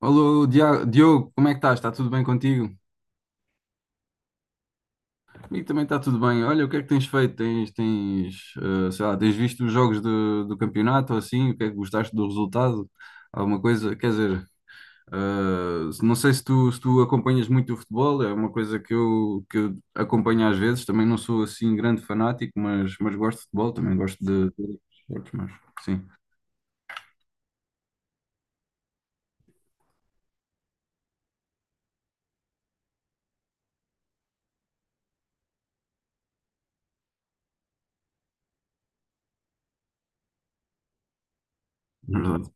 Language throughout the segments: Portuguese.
Alô, Diogo, como é que estás? Está tudo bem contigo? Comigo também está tudo bem. Olha, o que é que tens feito? Tens, sei lá, tens visto os jogos do campeonato ou assim? O que é que gostaste do resultado? Alguma coisa? Quer dizer, não sei se tu, se tu acompanhas muito o futebol, é uma coisa que eu acompanho às vezes. Também não sou assim grande fanático, mas gosto de futebol, também gosto de outros esportes, mas sim, na verdade,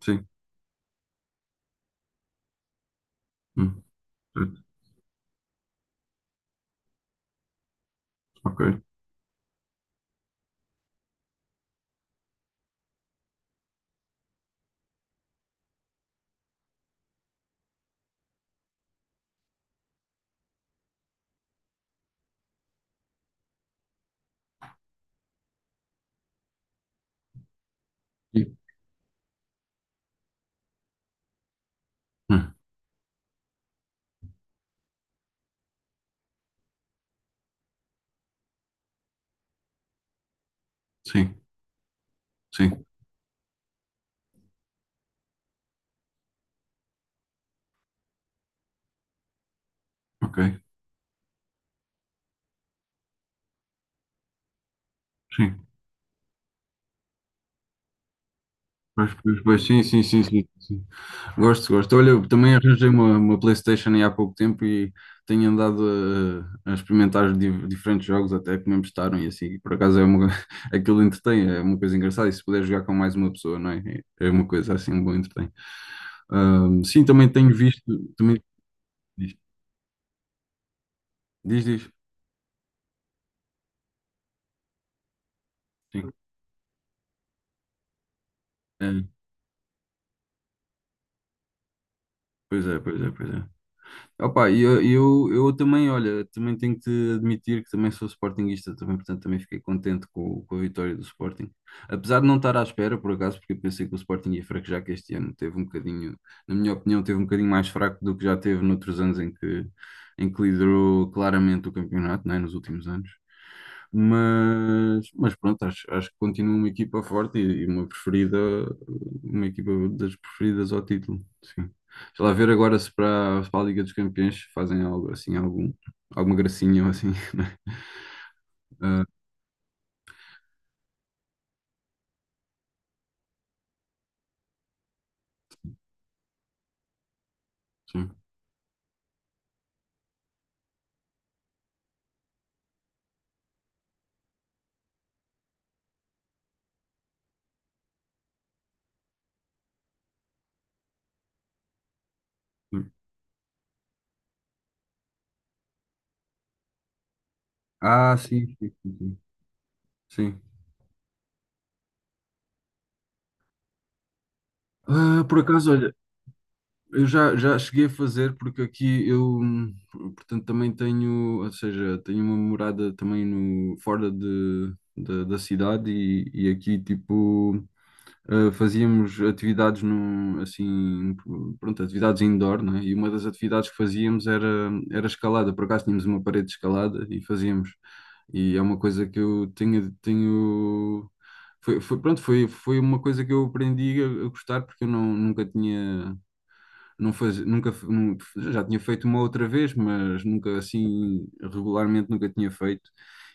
sim. Hum, ok. Sim, hum, sim, sim, ok. Sim. Pois, pois, pois, sim, sim, sim, sim, sim. Gosto, gosto. Olha, eu também arranjei uma PlayStation aí há pouco tempo e tenho andado a experimentar diferentes jogos até que me emprestaram e assim. Por acaso é uma, aquilo entretém, é uma coisa engraçada. E se puder jogar com mais uma pessoa, não é? É uma coisa assim, um bom entretém. Sim, também tenho visto, também, diz, diz, diz. Sim. É, pois é, pois é, pois é. Opa, e eu também, olha, também tenho que te admitir que também sou sportinguista também, portanto também fiquei contente com a vitória do Sporting. Apesar de não estar à espera, por acaso, porque eu pensei que o Sporting ia fraquejar que este ano teve um bocadinho, na minha opinião, teve um bocadinho mais fraco do que já teve noutros anos em que liderou claramente o campeonato, não é? Nos últimos anos. Mas pronto, acho, acho que continua uma equipa forte e uma preferida, uma equipa das preferidas ao título, sim. Sei lá, ver agora se para a Liga dos Campeões fazem algo assim, algum, alguma gracinha ou assim, né? Ah, sim. Ah, sim, sim, sim. Sim. Sim. Ah, por acaso, olha, eu já, já cheguei a fazer, porque aqui eu, portanto, também tenho, ou seja, tenho uma morada também no, fora de, da cidade e aqui, tipo, fazíamos atividades num, assim, pronto, atividades indoor, não é? E uma das atividades que fazíamos era, era escalada. Por acaso tínhamos uma parede de escalada e fazíamos. E é uma coisa que eu tenho, tenho pronto, foi, foi uma coisa que eu aprendi a gostar porque eu não, nunca tinha, não faz, nunca, nu- já tinha feito uma outra vez, mas nunca assim, regularmente nunca tinha feito.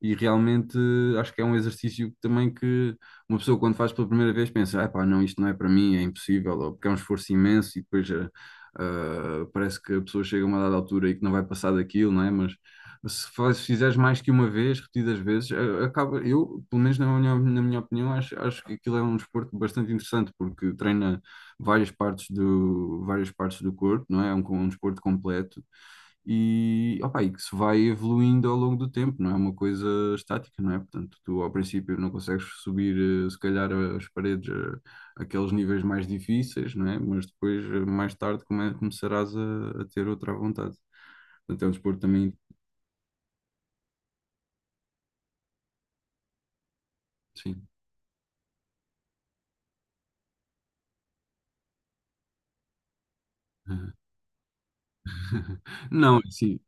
E realmente acho que é um exercício que também que uma pessoa quando faz pela primeira vez pensa, ah, pá, não, isto não é para mim, é impossível, ou porque é um esforço imenso e depois ah, parece que a pessoa chega a uma dada altura e que não vai passar daquilo, não é? Mas se fizeres mais que uma vez, repetidas vezes, acaba, eu, pelo menos na minha opinião, acho, acho que aquilo é um desporto bastante interessante, porque treina várias partes do corpo, não é? É um, um desporto completo e, opa, e que se vai evoluindo ao longo do tempo, não é uma coisa estática, não é? Portanto, tu ao princípio não consegues subir, se calhar, as paredes, aqueles níveis mais difíceis, não é? Mas depois, mais tarde, começarás a ter outra à vontade. Portanto, é um desporto também, sim. Não, sim,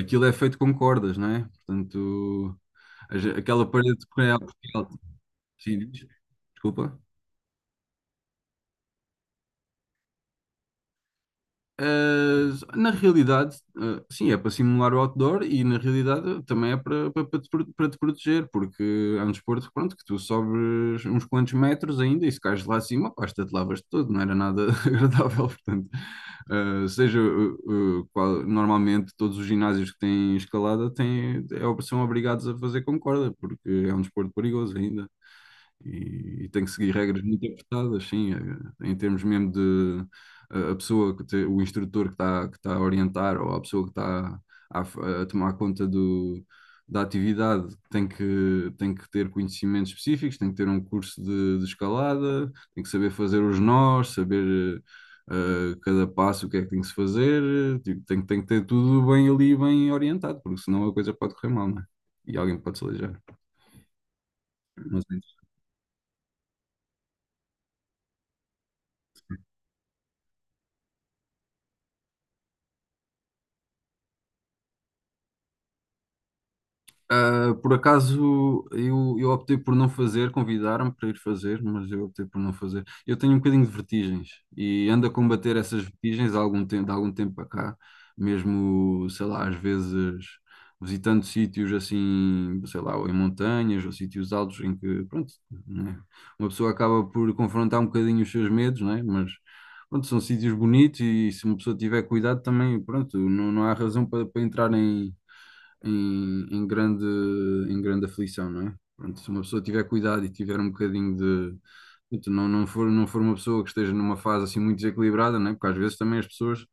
aquilo é feito com cordas, não é? Portanto, aquela parede que é sim, diz, desculpa. Ah, na realidade, ah, sim, é para simular o outdoor e na realidade também é para, para te proteger, porque é um desporto, pronto, que tu sobres uns quantos metros ainda e se cais lá acima, pá, te lavas todo, não era nada agradável, portanto, ah, seja normalmente todos os ginásios que têm escalada têm, é, são obrigados a fazer com corda, porque é um desporto perigoso ainda. E tem que seguir regras muito apertadas, sim, em termos mesmo de a pessoa, o instrutor que está que tá a orientar ou a pessoa que está a, a tomar conta do, da atividade tem que ter conhecimentos específicos, tem que ter um curso de escalada, tem que saber fazer os nós, saber cada passo o que é que tem que se fazer, tipo, tem, tem que ter tudo bem ali, bem orientado, porque senão a coisa pode correr mal, não é? E alguém pode se aleijar. Mas é ah, por acaso eu optei por não fazer, convidaram-me para ir fazer, mas eu optei por não fazer. Eu tenho um bocadinho de vertigens e ando a combater essas vertigens há algum tempo, de algum tempo para cá, mesmo, sei lá, às vezes visitando sítios assim, sei lá, ou em montanhas ou sítios altos em que, pronto, né, uma pessoa acaba por confrontar um bocadinho os seus medos, né? Mas pronto, são sítios bonitos e se uma pessoa tiver cuidado também, pronto, não, não há razão para, para entrar em, em grande aflição, não é? Pronto, se uma pessoa tiver cuidado e tiver um bocadinho de. Portanto, não, não for uma pessoa que esteja numa fase assim muito desequilibrada, não é? Porque às vezes também as pessoas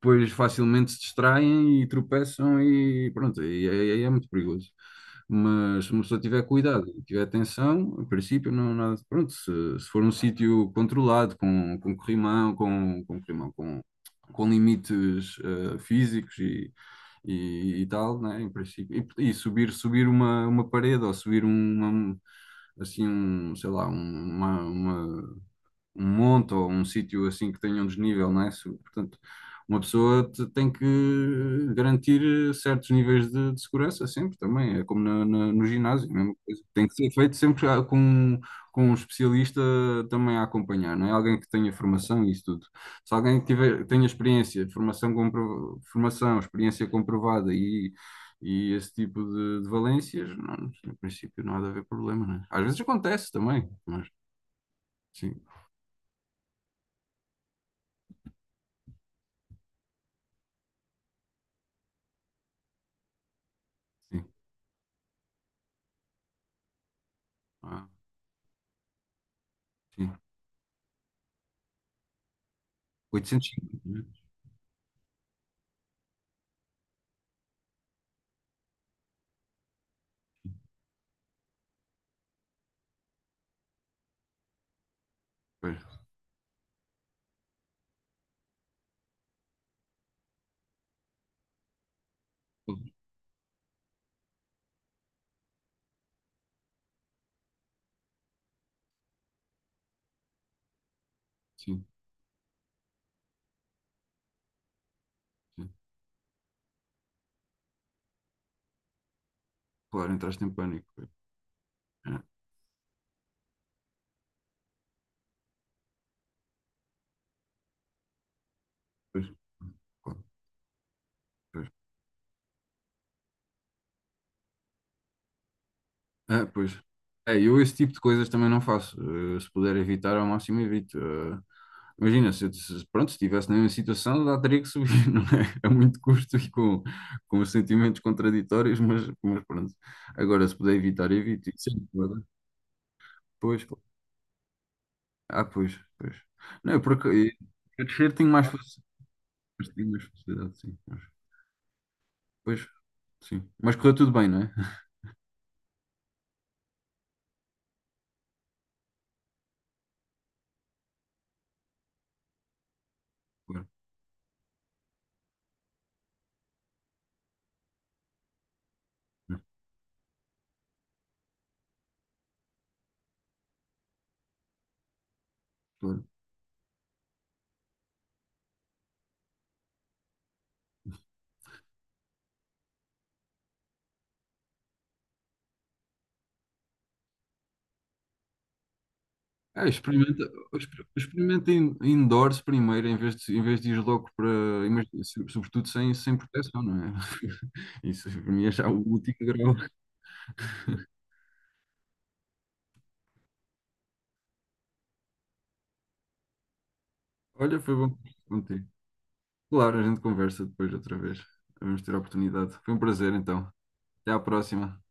depois facilmente se distraem e tropeçam e pronto, e aí é, muito perigoso. Mas se uma pessoa tiver cuidado e tiver atenção, em princípio não há nada, pronto, se for um sítio controlado, com corrimão, com corrimão, com limites físicos e tal, né, em princípio, e subir, subir uma parede ou subir uma, assim um, sei lá, uma, um monte ou um sítio assim que tenha um desnível, não é? Portanto, uma pessoa tem que garantir certos níveis de segurança sempre também, é como no ginásio, a mesma coisa. Tem que ser feito sempre com um especialista também a acompanhar, não é? Alguém que tenha formação e isso tudo. Se alguém tiver, tenha experiência, formação, compro, formação, experiência comprovada e esse tipo de valências, não, em princípio não há de haver problema, né? Às vezes acontece também, mas sim, sim. Ah. Sim. 850, né? Pois. Sim, sim. Claro, entraste em pânico. Pois. Ah, pois, claro, pois. É, pois. É, eu esse tipo de coisas também não faço. Se puder evitar, ao máximo evito. Eh, imagina, se, eu- se- pronto, se estivesse na mesma situação, já teria que subir, não é? A muito custo e com sentimentos contraditórios, mas pronto. Agora, se puder evitar, evito. E sim, claro. Pois, claro. Ah, pois, pois. Não, é porque eu descer tenho mais facilidade. Tenho mais facilidade, sim. Pois, sim. Mas correu tudo bem, não é? Claro, claro. É, experimenta, experimenta indoors primeiro, em vez de ir logo para. Sobretudo sem, sem proteção, não é? Isso para mim é já o último grau. Olha, foi bom conversar contigo. Claro, a gente conversa depois outra vez. Vamos ter a oportunidade. Foi um prazer, então. Até à próxima.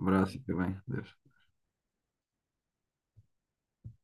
Abraço e fica bem. Adeus.